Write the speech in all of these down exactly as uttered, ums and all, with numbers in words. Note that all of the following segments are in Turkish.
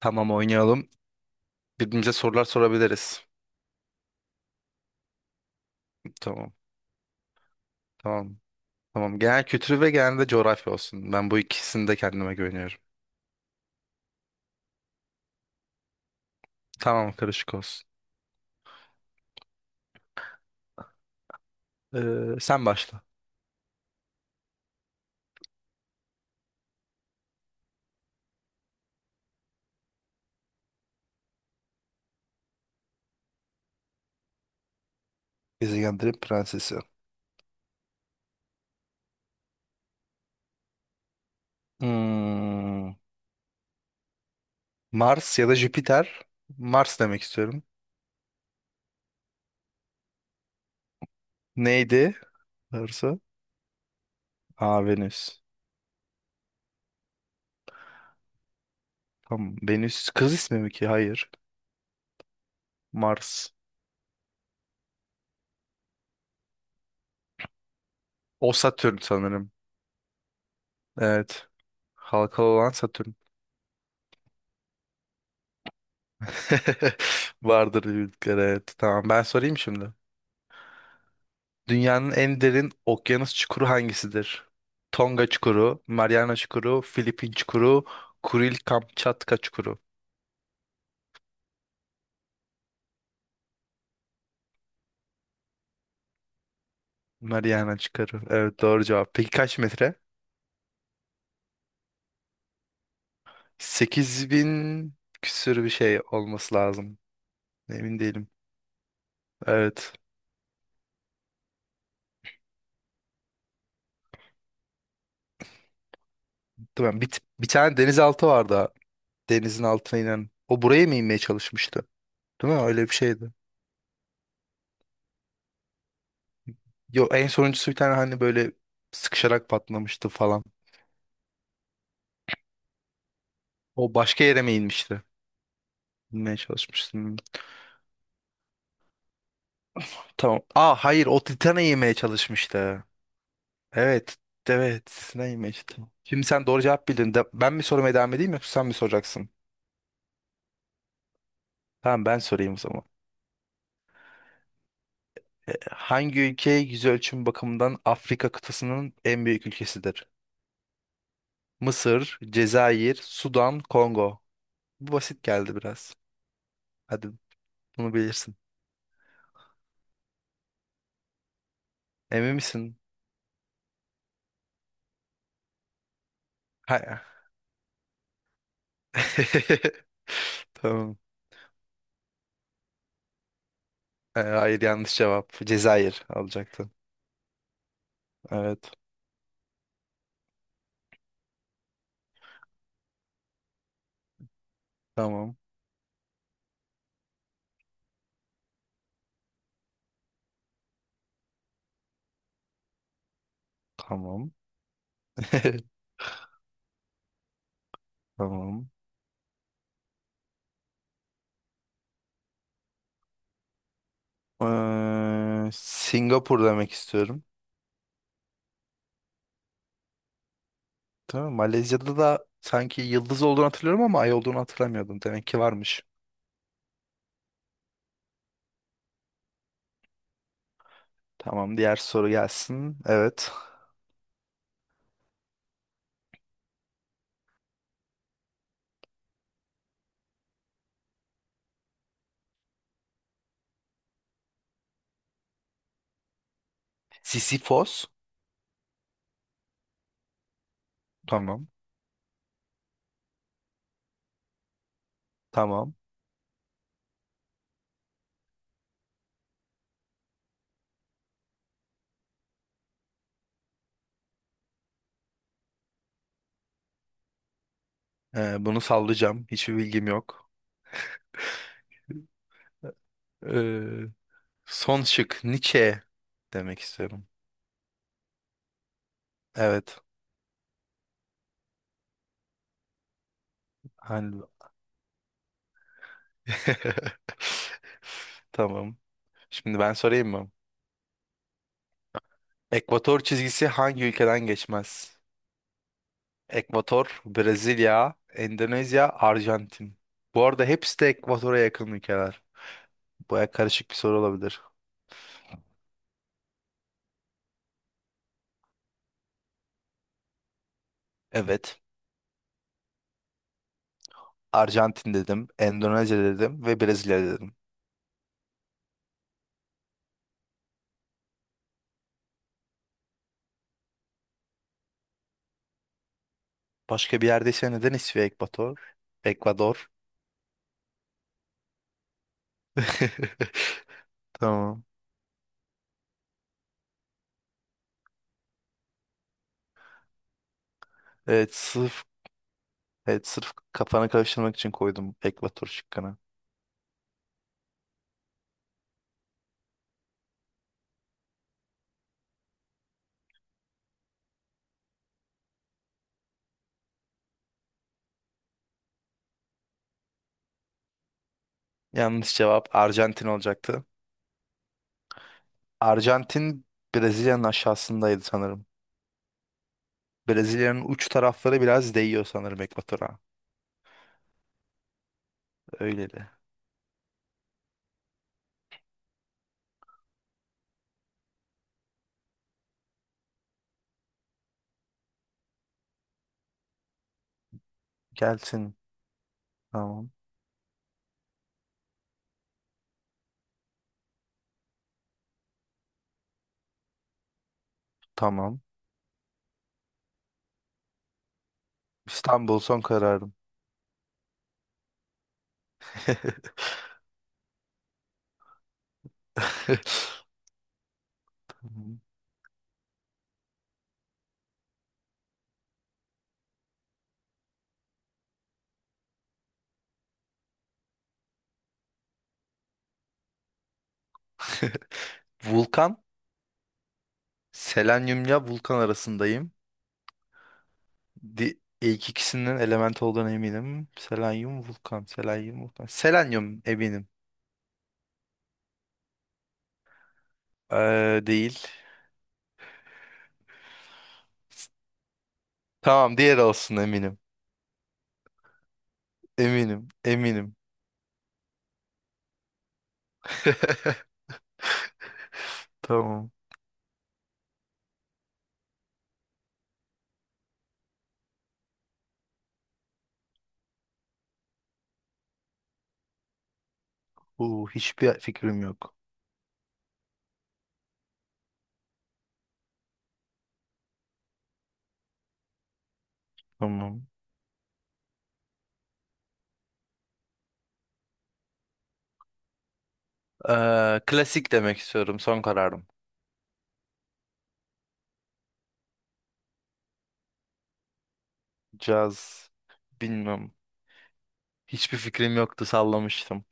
Tamam oynayalım. Birbirimize sorular sorabiliriz. Tamam. Tamam. Tamam. Genel kültürü ve genel de coğrafya olsun. Ben bu ikisini de kendime güveniyorum. Tamam karışık olsun. Ee, sen başla. Gezegenlerin prensesi. Hmm, Mars ya da Jüpiter. Mars demek istiyorum. Neydi? Varsa. Aa Venüs. Tamam. Venüs kız ismi mi ki? Hayır. Mars. O Satürn sanırım. Evet. Halkalı olan Satürn. Vardır bildikleri evet. Tamam ben sorayım şimdi. Dünyanın en derin okyanus çukuru hangisidir? Tonga çukuru, Mariana çukuru, Filipin çukuru, Kuril Kamçatka çukuru. Mariana çukuru. Evet doğru cevap. Peki kaç metre? Sekiz bin küsür bir şey olması lazım. Emin değilim. Evet. Tamam. Bir, bir tane denizaltı vardı. Denizin altına inen. O buraya mı inmeye çalışmıştı? Değil mi? Öyle bir şeydi. Yok en sonuncusu bir tane hani böyle sıkışarak patlamıştı falan. O başka yere mi inmişti? İnmeye çalışmıştı. Tamam. Aa hayır o Titan'ı yemeye çalışmıştı. Evet. Evet. Ne yemeye çalıştı? Şimdi sen doğru cevap bildin. De, ben mi sormaya devam edeyim yoksa sen mi soracaksın? Tamam ben sorayım o zaman. E, hangi ülke yüz ölçümü bakımından Afrika kıtasının en büyük ülkesidir? Mısır, Cezayir, Sudan, Kongo. Bu basit geldi biraz. Hadi bunu bilirsin. Emin misin? Ha- Tamam. E, hayır yanlış cevap. Cezayir alacaktın. Evet. Tamam. Tamam. Tamam. Ee, Singapur demek istiyorum. Tamam. Malezya'da da sanki yıldız olduğunu hatırlıyorum ama ay olduğunu hatırlamıyordum. Demek ki varmış. Tamam. Diğer soru gelsin. Evet. Sisyphos. Tamam. Tamam. Ee, bunu sallayacağım. Hiçbir bilgim yok. Ee, son şık Nietzsche demek istiyorum. Evet. Hani... Tamam. Şimdi ben sorayım mı? Ekvator çizgisi hangi ülkeden geçmez? Ekvator, Brezilya, Endonezya, Arjantin. Bu arada hepsi de Ekvator'a yakın ülkeler. Baya karışık bir soru olabilir. Evet. Arjantin dedim, Endonezya dedim ve Brezilya dedim. Başka bir yerdeyse neden ismi Ekvator? Ekvador. Tamam. Evet sırf evet sırf kafanı karıştırmak için koydum Ekvator şıkkını. Yanlış cevap Arjantin olacaktı. Arjantin Brezilya'nın aşağısındaydı sanırım. Brezilya'nın uç tarafları biraz değiyor sanırım Ekvator'a. Öyle de. Gelsin. Tamam. Tamam. İstanbul son kararım. Vulkan. Selenyumla vulkan arasındayım. Di ilk ikisinin element olduğuna eminim. Selenyum, vulkan. Selenyum, vulkan. Selenyum eminim. Ee, değil. Tamam diğer olsun eminim. Eminim. Eminim. Tamam. Uu, hiçbir fikrim yok. Tamam. Ee, klasik demek istiyorum. Son kararım. Caz. Bilmem. Hiçbir fikrim yoktu sallamıştım.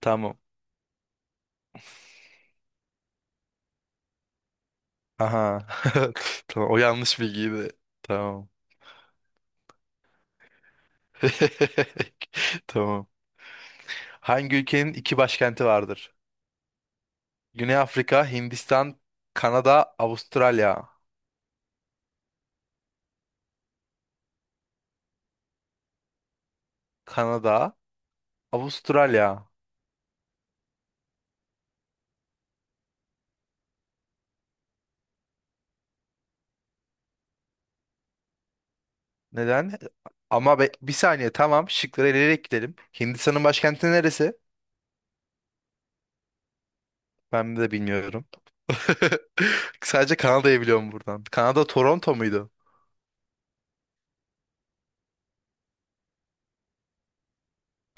Tamam. Aha. Tamam o yanlış bilgiydi. Tamam. Tamam. Hangi ülkenin iki başkenti vardır? Güney Afrika, Hindistan, Kanada, Avustralya. Kanada, Avustralya. Neden? Ama be- bir saniye tamam şıkları eleyerek gidelim. Hindistan'ın başkenti neresi? Ben de bilmiyorum. Sadece Kanada'yı biliyorum buradan. Kanada Toronto muydu?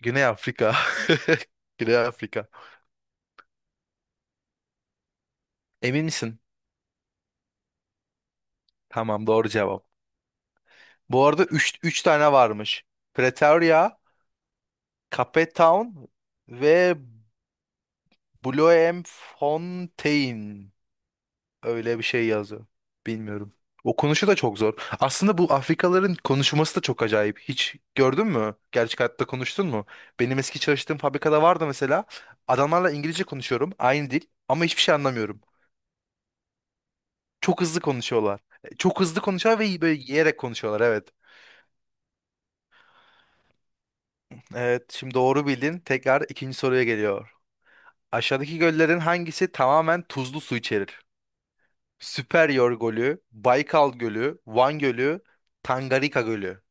Güney Afrika. Güney Afrika. Emin misin? Tamam doğru cevap. Bu arada üç üç tane varmış. Pretoria, Cape Town ve Bloemfontein. Öyle bir şey yazıyor. Bilmiyorum. Okunuşu da çok zor. Aslında bu Afrikalıların konuşması da çok acayip. Hiç gördün mü? Gerçek hayatta konuştun mu? Benim eski çalıştığım fabrikada vardı mesela. Adamlarla İngilizce konuşuyorum. Aynı dil. Ama hiçbir şey anlamıyorum. Çok hızlı konuşuyorlar. E, Çok hızlı konuşuyorlar ve böyle yiyerek konuşuyorlar. Evet. Evet, şimdi doğru bildin. Tekrar ikinci soruya geliyor. Aşağıdaki göllerin hangisi tamamen tuzlu su içerir? Süperyor Gölü, Baykal Gölü, Van Gölü, Tangarika Gölü.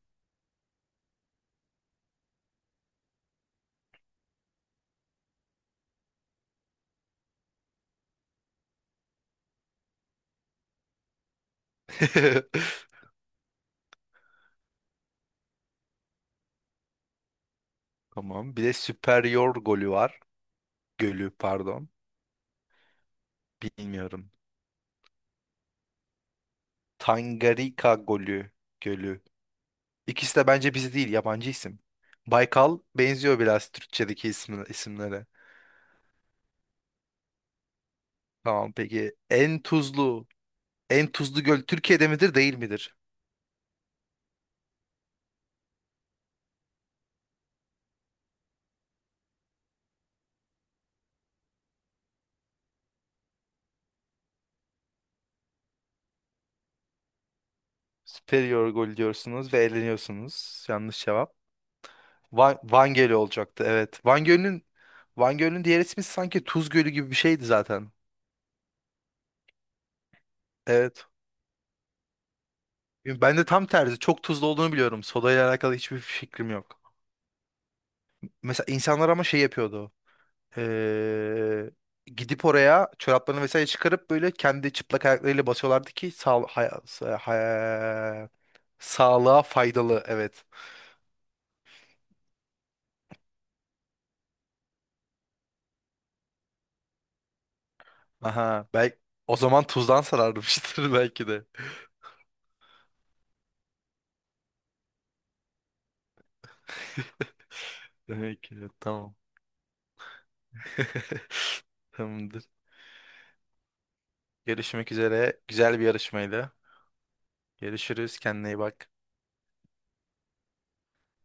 Tamam. Bir de Superior Gölü var. Gölü pardon. Bilmiyorum. Tangarika Gölü. Gölü. İkisi de bence bizi değil, yabancı isim. Baykal benziyor biraz Türkçedeki ismi, isimlere. Tamam peki. En tuzlu, en tuzlu göl Türkiye'de midir, değil midir? Superior gol diyorsunuz ve eğleniyorsunuz. Yanlış cevap. Van, Van Gölü olacaktı. Evet. Van Gölü'nün Van Gölü'nün diğer ismi sanki Tuz Gölü gibi bir şeydi zaten. Evet. Ben de tam tersi. Çok tuzlu olduğunu biliyorum. Sodayla alakalı hiçbir fikrim yok. Mesela insanlar ama şey yapıyordu. Ee, gidip oraya çoraplarını vesaire çıkarıp böyle kendi çıplak ayaklarıyla basıyorlardı ki sağ, hay- sa- hay- sağlığa faydalı. Evet. Aha. Belki, o zaman tuzdan sararmıştır belki de. Peki, tamam. Tamamdır. Görüşmek üzere. Güzel bir yarışmaydı. Görüşürüz. Kendine iyi bak.